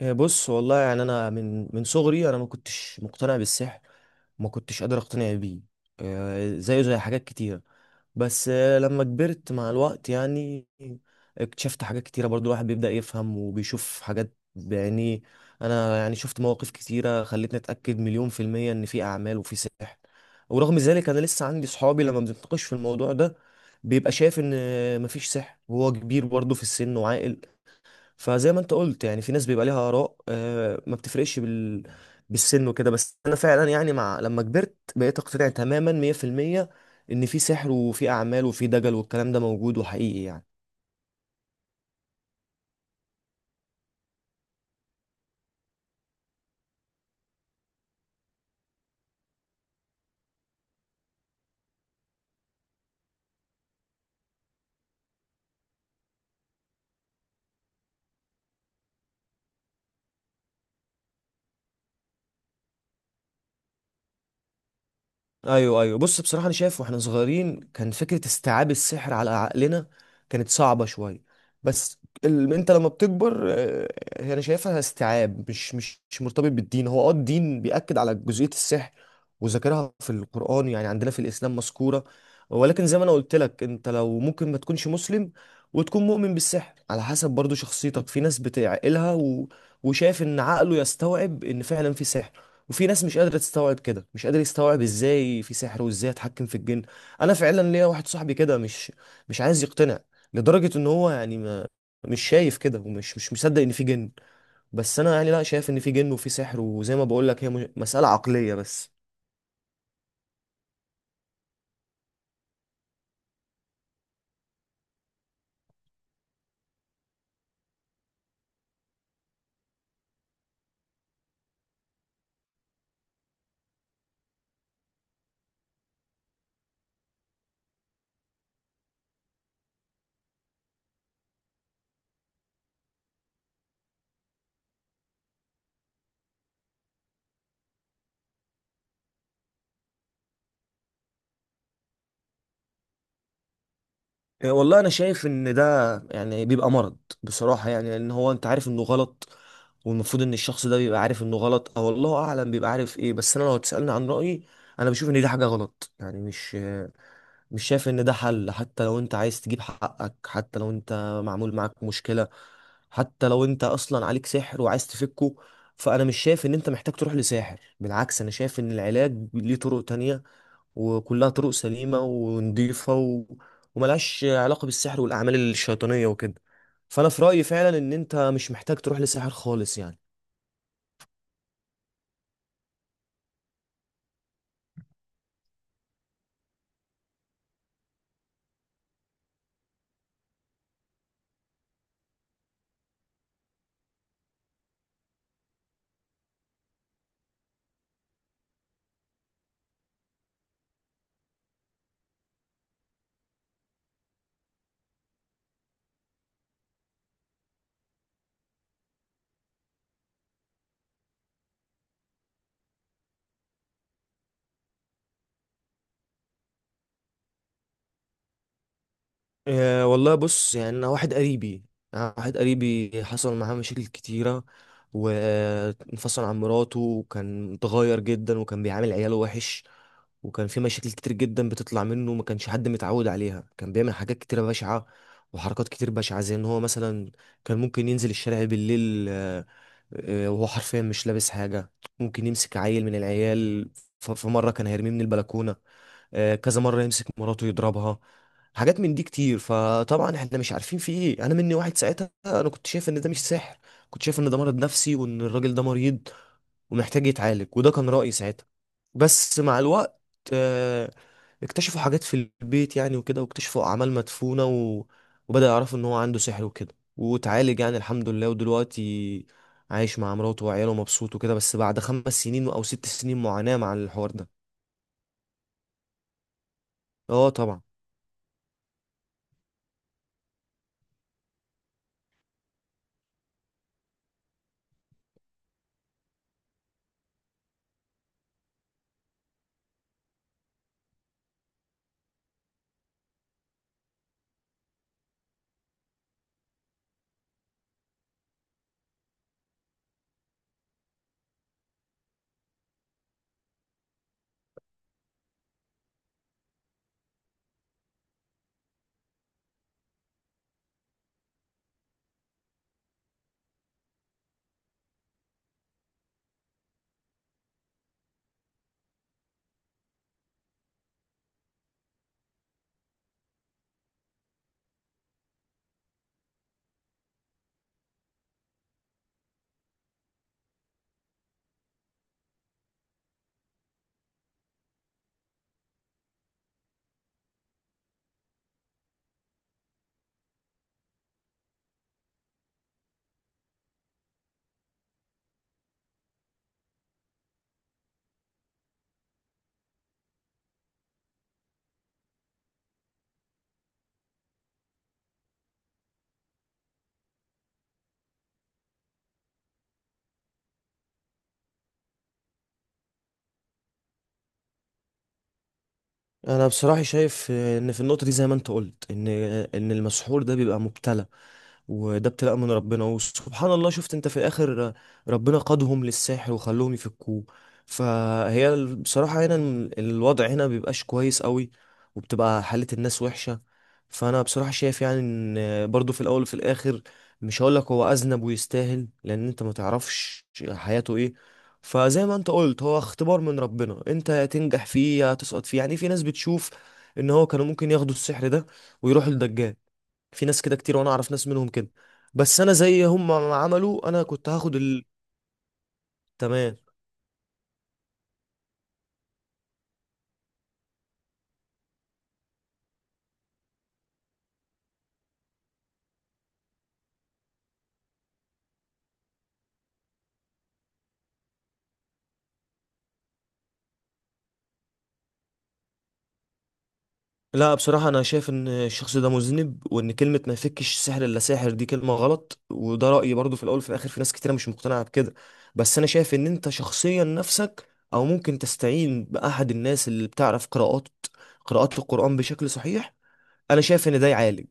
إيه، بص والله يعني انا من صغري، انا ما كنتش مقتنع بالسحر. ما كنتش قادر اقتنع بيه. إيه زيه زي حاجات كتير. بس لما كبرت مع الوقت يعني اكتشفت حاجات كتيرة، برضو الواحد بيبدأ يفهم وبيشوف حاجات بعينيه. انا يعني شفت مواقف كتيرة خلتني اتأكد 1,000,000% ان في اعمال وفي سحر. ورغم ذلك انا لسه عندي صحابي، لما بنتناقش في الموضوع ده بيبقى شايف ان مفيش سحر، وهو كبير برضه في السن وعاقل. فزي ما انت قلت، يعني في ناس بيبقى ليها اراء، ما بتفرقش بالسن وكده. بس انا فعلا يعني مع لما كبرت بقيت اقتنع تماما 100% ان في سحر وفي اعمال وفي دجل، والكلام ده موجود وحقيقي يعني. ايوه، ايوه، بص بصراحه انا شايف واحنا صغيرين كان فكره استيعاب السحر على عقلنا كانت صعبه شويه. بس انت لما بتكبر، هي انا شايفها استيعاب مش مرتبط بالدين. هو الدين بيأكد على جزئيه السحر وذاكرها في القرآن، يعني عندنا في الاسلام مذكوره. ولكن زي ما انا قلت لك، انت لو ممكن ما تكونش مسلم وتكون مؤمن بالسحر، على حسب برضو شخصيتك. في ناس بتعقلها وشايف ان عقله يستوعب ان فعلا في سحر، وفي ناس مش قادرة تستوعب كده، مش قادر يستوعب ازاي في سحر وازاي اتحكم في الجن. انا فعلا ليا واحد صاحبي كده مش عايز يقتنع، لدرجة ان هو يعني ما مش شايف كده، ومش مش مصدق ان في جن. بس انا يعني لا شايف ان في جن وفي سحر، وزي ما بقول لك هي مسألة عقلية بس. والله انا شايف ان ده يعني بيبقى مرض، بصراحه يعني لان هو انت عارف انه غلط، والمفروض ان الشخص ده بيبقى عارف انه غلط او الله اعلم بيبقى عارف ايه. بس انا لو تسالني عن رايي، انا بشوف ان دي حاجه غلط، يعني مش شايف ان ده حل. حتى لو انت عايز تجيب حقك، حتى لو انت معمول معاك مشكله، حتى لو انت اصلا عليك سحر وعايز تفكه، فانا مش شايف ان انت محتاج تروح لساحر. بالعكس انا شايف ان العلاج ليه طرق تانية، وكلها طرق سليمة ونضيفة وملهاش علاقة بالسحر والأعمال الشيطانية وكده. فأنا في رأيي فعلا إن أنت مش محتاج تروح لساحر خالص يعني. أه والله بص، يعني أنا واحد قريبي حصل معاه مشاكل كتيرة، وانفصل عن مراته، وكان متغير جدا، وكان بيعامل عياله وحش. وكان في مشاكل كتير جدا بتطلع منه ما كانش حد متعود عليها، كان بيعمل حاجات كتيرة بشعة وحركات كتير بشعة. زي ان هو مثلا كان ممكن ينزل الشارع بالليل، وهو حرفيا مش لابس حاجة. ممكن يمسك عيل من العيال، في مرة كان هيرميه من البلكونة، كذا مرة يمسك مراته يضربها. حاجات من دي كتير. فطبعا احنا مش عارفين في ايه، انا مني واحد ساعتها انا كنت شايف ان ده مش سحر، كنت شايف ان ده مرض نفسي وان الراجل ده مريض ومحتاج يتعالج، وده كان رأيي ساعتها. بس مع الوقت آه، اكتشفوا حاجات في البيت يعني وكده، واكتشفوا اعمال مدفونة وبدأ يعرفوا ان هو عنده سحر وكده، وتعالج يعني الحمد لله. ودلوقتي عايش مع مراته وعياله مبسوط وكده، بس بعد 5 سنين او 6 سنين معاناة مع الحوار ده. اه طبعا. انا بصراحه شايف ان في النقطه دي زي ما انت قلت، ان المسحور ده بيبقى مبتلى، وده ابتلاء من ربنا. وسبحان الله شفت انت في الاخر ربنا قادهم للساحر وخلوهم يفكوه. فهي بصراحة هنا الوضع هنا بيبقاش كويس قوي، وبتبقى حالة الناس وحشة. فانا بصراحة شايف يعني ان برضو في الاول وفي الاخر، مش هقولك هو اذنب ويستاهل، لان انت ما تعرفش حياته ايه. فزي ما انت قلت هو اختبار من ربنا، انت يا تنجح فيه يا تسقط فيه. يعني في ناس بتشوف ان هو كانوا ممكن ياخدوا السحر ده ويروحوا للدجال، في ناس كده كتير وانا اعرف ناس منهم كده. بس انا زي هم ما عملوا انا كنت هاخد تمام. لا بصراحة أنا شايف إن الشخص ده مذنب، وإن كلمة ما يفكش سحر إلا ساحر دي كلمة غلط. وده رأيي برضو، في الأول وفي الآخر في ناس كتيرة مش مقتنعة بكده. بس أنا شايف إن أنت شخصيا نفسك، أو ممكن تستعين بأحد الناس اللي بتعرف قراءات، قراءات القرآن بشكل صحيح. انا شايف ان ده يعالج،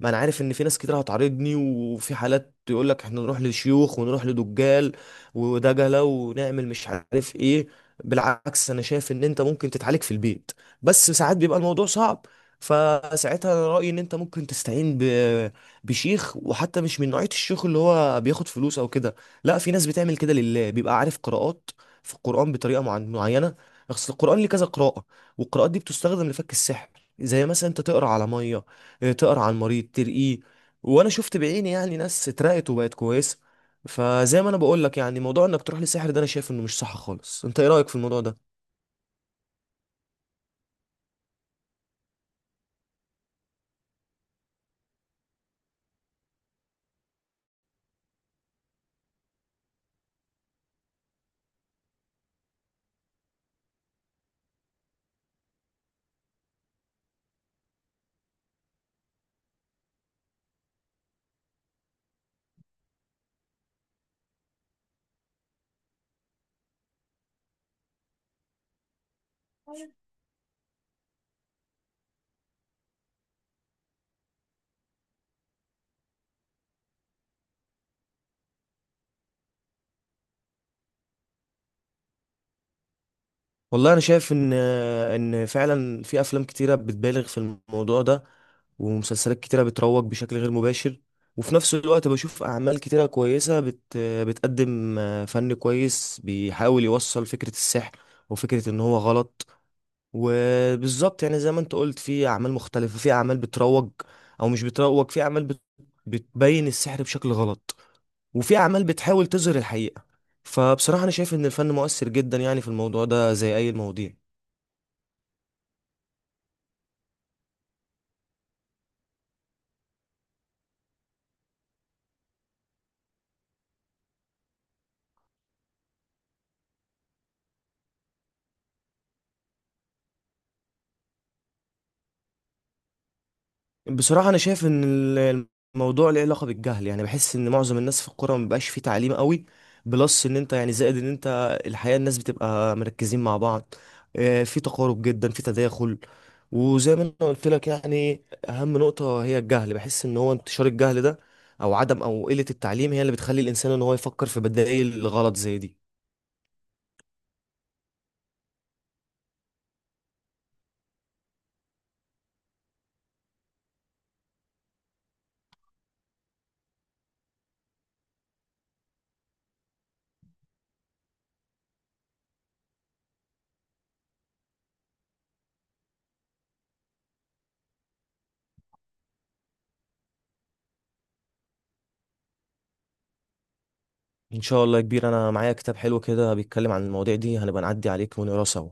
ما انا عارف ان في ناس كتير هتعارضني وفي حالات تقول لك احنا نروح لشيوخ ونروح لدجال ودجله ونعمل مش عارف ايه. بالعكس انا شايف ان انت ممكن تتعالج في البيت، بس ساعات بيبقى الموضوع صعب. فساعتها انا رايي ان انت ممكن تستعين بشيخ، وحتى مش من نوعيه الشيوخ اللي هو بياخد فلوس او كده، لا في ناس بتعمل كده لله، بيبقى عارف قراءات في القران بطريقه معينه. اصل القران ليه كذا قراءه، والقراءات دي بتستخدم لفك السحر. زي مثلا انت تقرا على ميه، اه، تقرا على المريض ترقيه. وانا شفت بعيني يعني ناس اترقت وبقت كويسه. فزي ما انا بقول لك يعني موضوع انك تروح لساحر ده انا شايف انه مش صح خالص. انت ايه رايك في الموضوع ده؟ والله انا شايف ان ان فعلا في افلام كتيره بتبالغ في الموضوع ده، ومسلسلات كتيره بتروج بشكل غير مباشر. وفي نفس الوقت بشوف اعمال كتيره كويسه بتقدم فن كويس بيحاول يوصل فكره السحر وفكره ان هو غلط. وبالظبط يعني زي ما انت قلت في اعمال مختلفة، في اعمال بتروج او مش بتروج، في اعمال بتبين السحر بشكل غلط، وفي اعمال بتحاول تظهر الحقيقة. فبصراحة انا شايف ان الفن مؤثر جدا يعني في الموضوع ده زي اي المواضيع. بصراحة أنا شايف إن الموضوع له علاقة بالجهل، يعني بحس إن معظم الناس في الكورة مبقاش فيه تعليم قوي. بلس إن أنت يعني زائد إن أنت الحقيقة الناس بتبقى مركزين مع بعض، في تقارب جدا، في تداخل. وزي ما أنا قلت لك يعني أهم نقطة هي الجهل، بحس إن هو انتشار الجهل ده أو عدم أو قلة التعليم هي اللي بتخلي الإنسان إن هو يفكر في بدائل غلط زي دي. إن شاء الله يا كبير، أنا معايا كتاب حلو كده بيتكلم عن المواضيع دي، هنبقى نعدي عليك ونقراه سوا.